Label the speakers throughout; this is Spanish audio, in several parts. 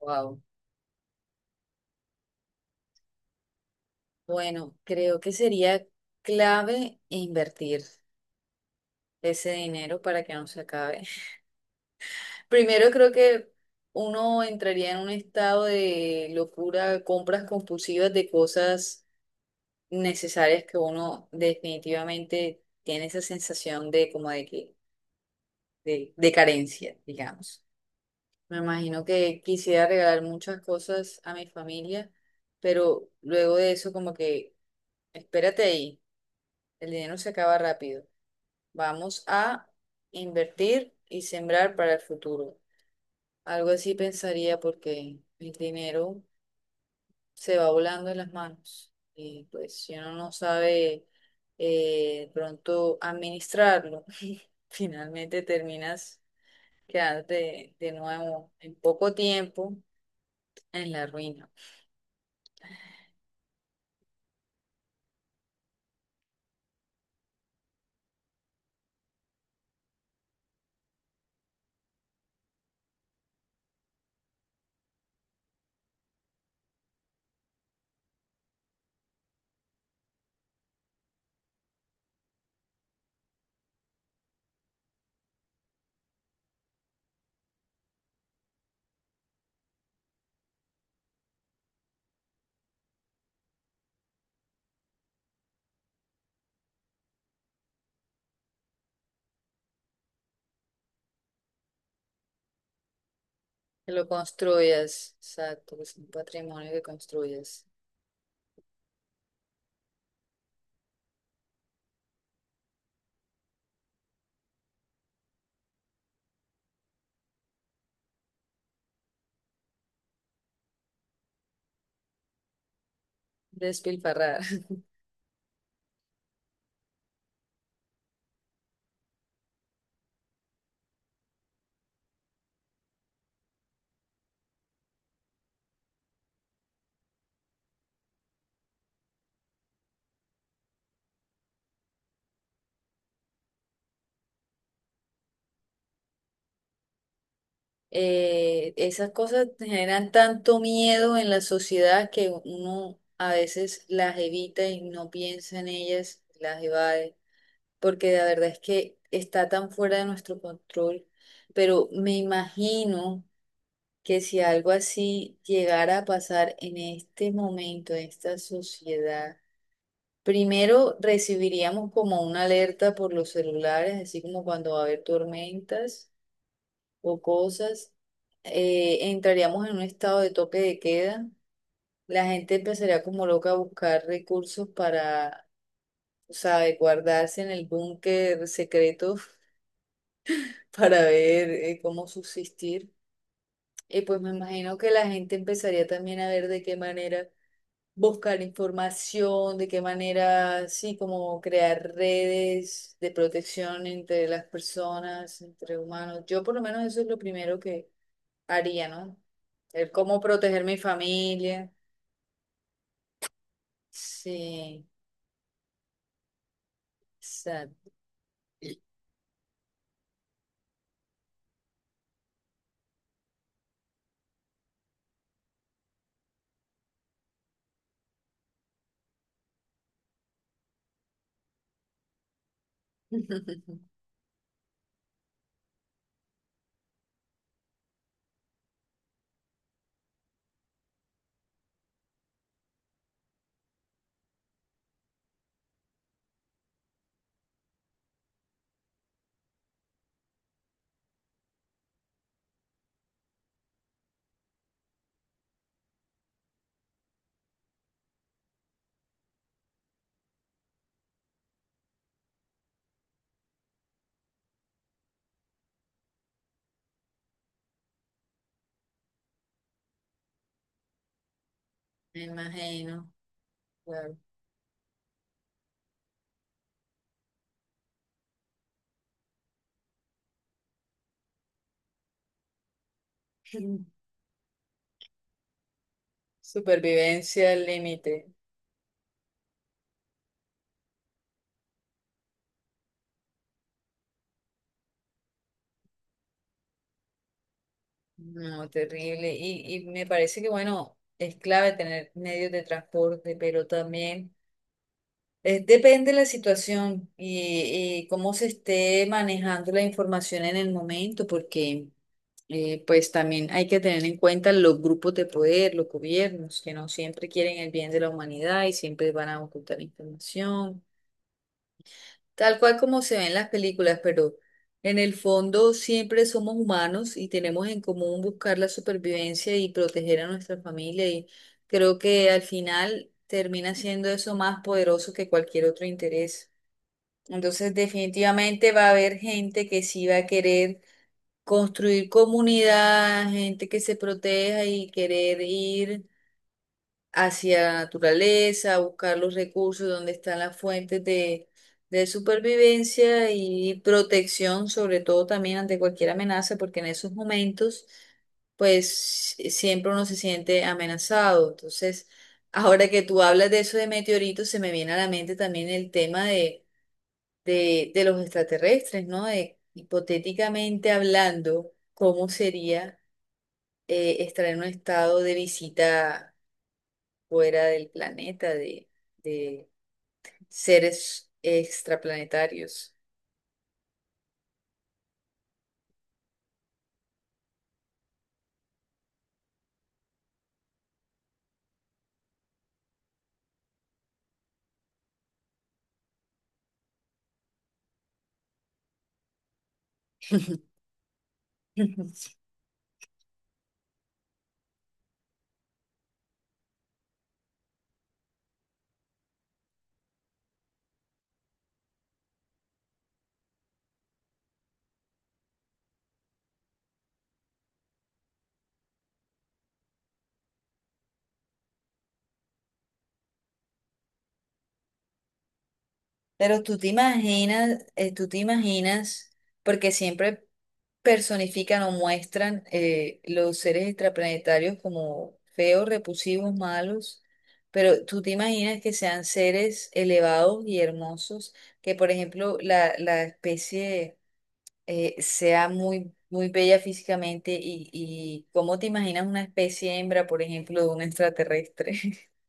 Speaker 1: Wow. Bueno, creo que sería clave invertir ese dinero para que no se acabe. Primero creo que uno entraría en un estado de locura, compras compulsivas de cosas necesarias que uno definitivamente tiene esa sensación de como de que de carencia, digamos. Me imagino que quisiera regalar muchas cosas a mi familia, pero luego de eso como que espérate ahí. El dinero se acaba rápido. Vamos a invertir y sembrar para el futuro. Algo así pensaría porque el dinero se va volando en las manos y pues si uno no sabe pronto administrarlo, finalmente terminas quedándote de nuevo en poco tiempo en la ruina. Que lo construyas, exacto, que es un patrimonio que construyas. Despilfarrar. Esas cosas generan tanto miedo en la sociedad que uno a veces las evita y no piensa en ellas, las evade, porque la verdad es que está tan fuera de nuestro control. Pero me imagino que si algo así llegara a pasar en este momento, en esta sociedad, primero recibiríamos como una alerta por los celulares, así como cuando va a haber tormentas o cosas, entraríamos en un estado de toque de queda. La gente empezaría como loca a buscar recursos para, o sea, de guardarse en el búnker secreto para ver cómo subsistir. Y pues me imagino que la gente empezaría también a ver de qué manera buscar información, de qué manera, sí, como crear redes de protección entre las personas, entre humanos. Yo por lo menos eso es lo primero que haría, ¿no? El cómo proteger mi familia. Sí, exacto. Me imagino, claro. Supervivencia al límite. No, terrible. Y me parece que, bueno, es clave tener medios de transporte, pero también depende de la situación y cómo se esté manejando la información en el momento, porque pues también hay que tener en cuenta los grupos de poder, los gobiernos, que no siempre quieren el bien de la humanidad y siempre van a ocultar información. Tal cual como se ve en las películas, pero en el fondo siempre somos humanos y tenemos en común buscar la supervivencia y proteger a nuestra familia y creo que al final termina siendo eso más poderoso que cualquier otro interés. Entonces definitivamente va a haber gente que sí va a querer construir comunidad, gente que se proteja y querer ir hacia la naturaleza, buscar los recursos donde están las fuentes de supervivencia y protección, sobre todo también ante cualquier amenaza, porque en esos momentos, siempre uno se siente amenazado. Entonces, ahora que tú hablas de eso de meteoritos, se me viene a la mente también el tema de los extraterrestres, ¿no? De, hipotéticamente hablando, ¿cómo sería estar en un estado de visita fuera del planeta, de seres extraplanetarios? Pero tú te imaginas, porque siempre personifican o muestran los seres extraplanetarios como feos, repulsivos, malos, pero tú te imaginas que sean seres elevados y hermosos, que por ejemplo la especie sea muy bella físicamente y cómo te imaginas una especie hembra, por ejemplo, de un extraterrestre.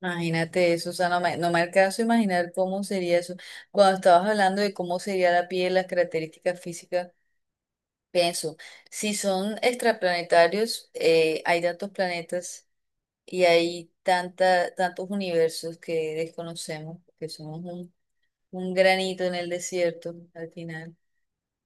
Speaker 1: Imagínate eso, o sea, no me alcanzo a imaginar cómo sería eso. Cuando estabas hablando de cómo sería la piel, las características físicas, pienso, si son extraplanetarios, hay tantos planetas y hay tantos universos que desconocemos, que somos un granito en el desierto al final.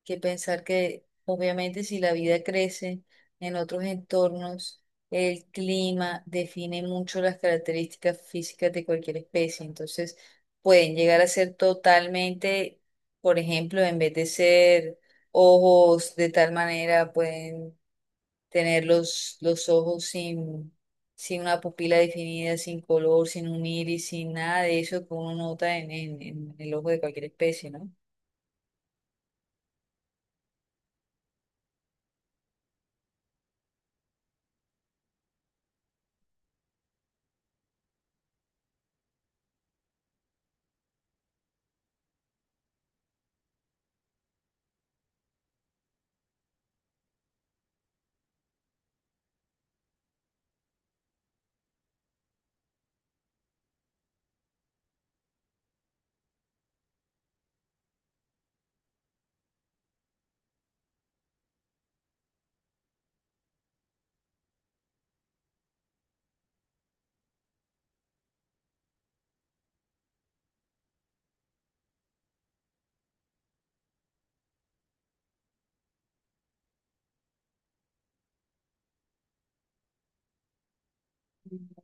Speaker 1: Que pensar que obviamente si la vida crece en otros entornos, el clima define mucho las características físicas de cualquier especie. Entonces, pueden llegar a ser totalmente, por ejemplo, en vez de ser ojos de tal manera, pueden tener los ojos sin sin una pupila definida, sin color, sin un iris, sin nada de eso que uno nota en el ojo de cualquier especie, ¿no?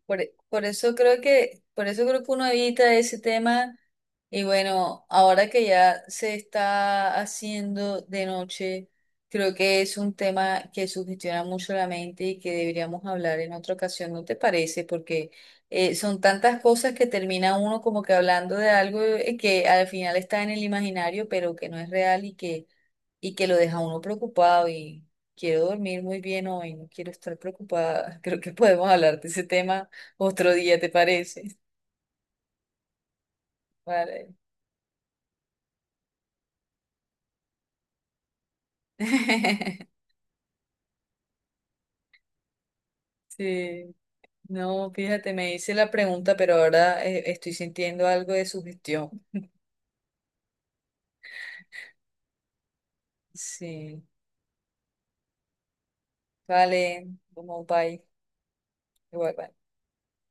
Speaker 1: Por, por eso creo por eso creo que uno evita ese tema. Y bueno, ahora que ya se está haciendo de noche, creo que es un tema que sugestiona mucho la mente y que deberíamos hablar en otra ocasión, ¿no te parece? Porque son tantas cosas que termina uno como que hablando de algo que al final está en el imaginario, pero que no es real y que lo deja uno preocupado y quiero dormir muy bien hoy, no quiero estar preocupada. Creo que podemos hablar de ese tema otro día, ¿te parece? Vale. Sí, no, fíjate, me hice la pregunta, pero ahora estoy sintiendo algo de sugestión. Sí, vale, como bye, igual bye.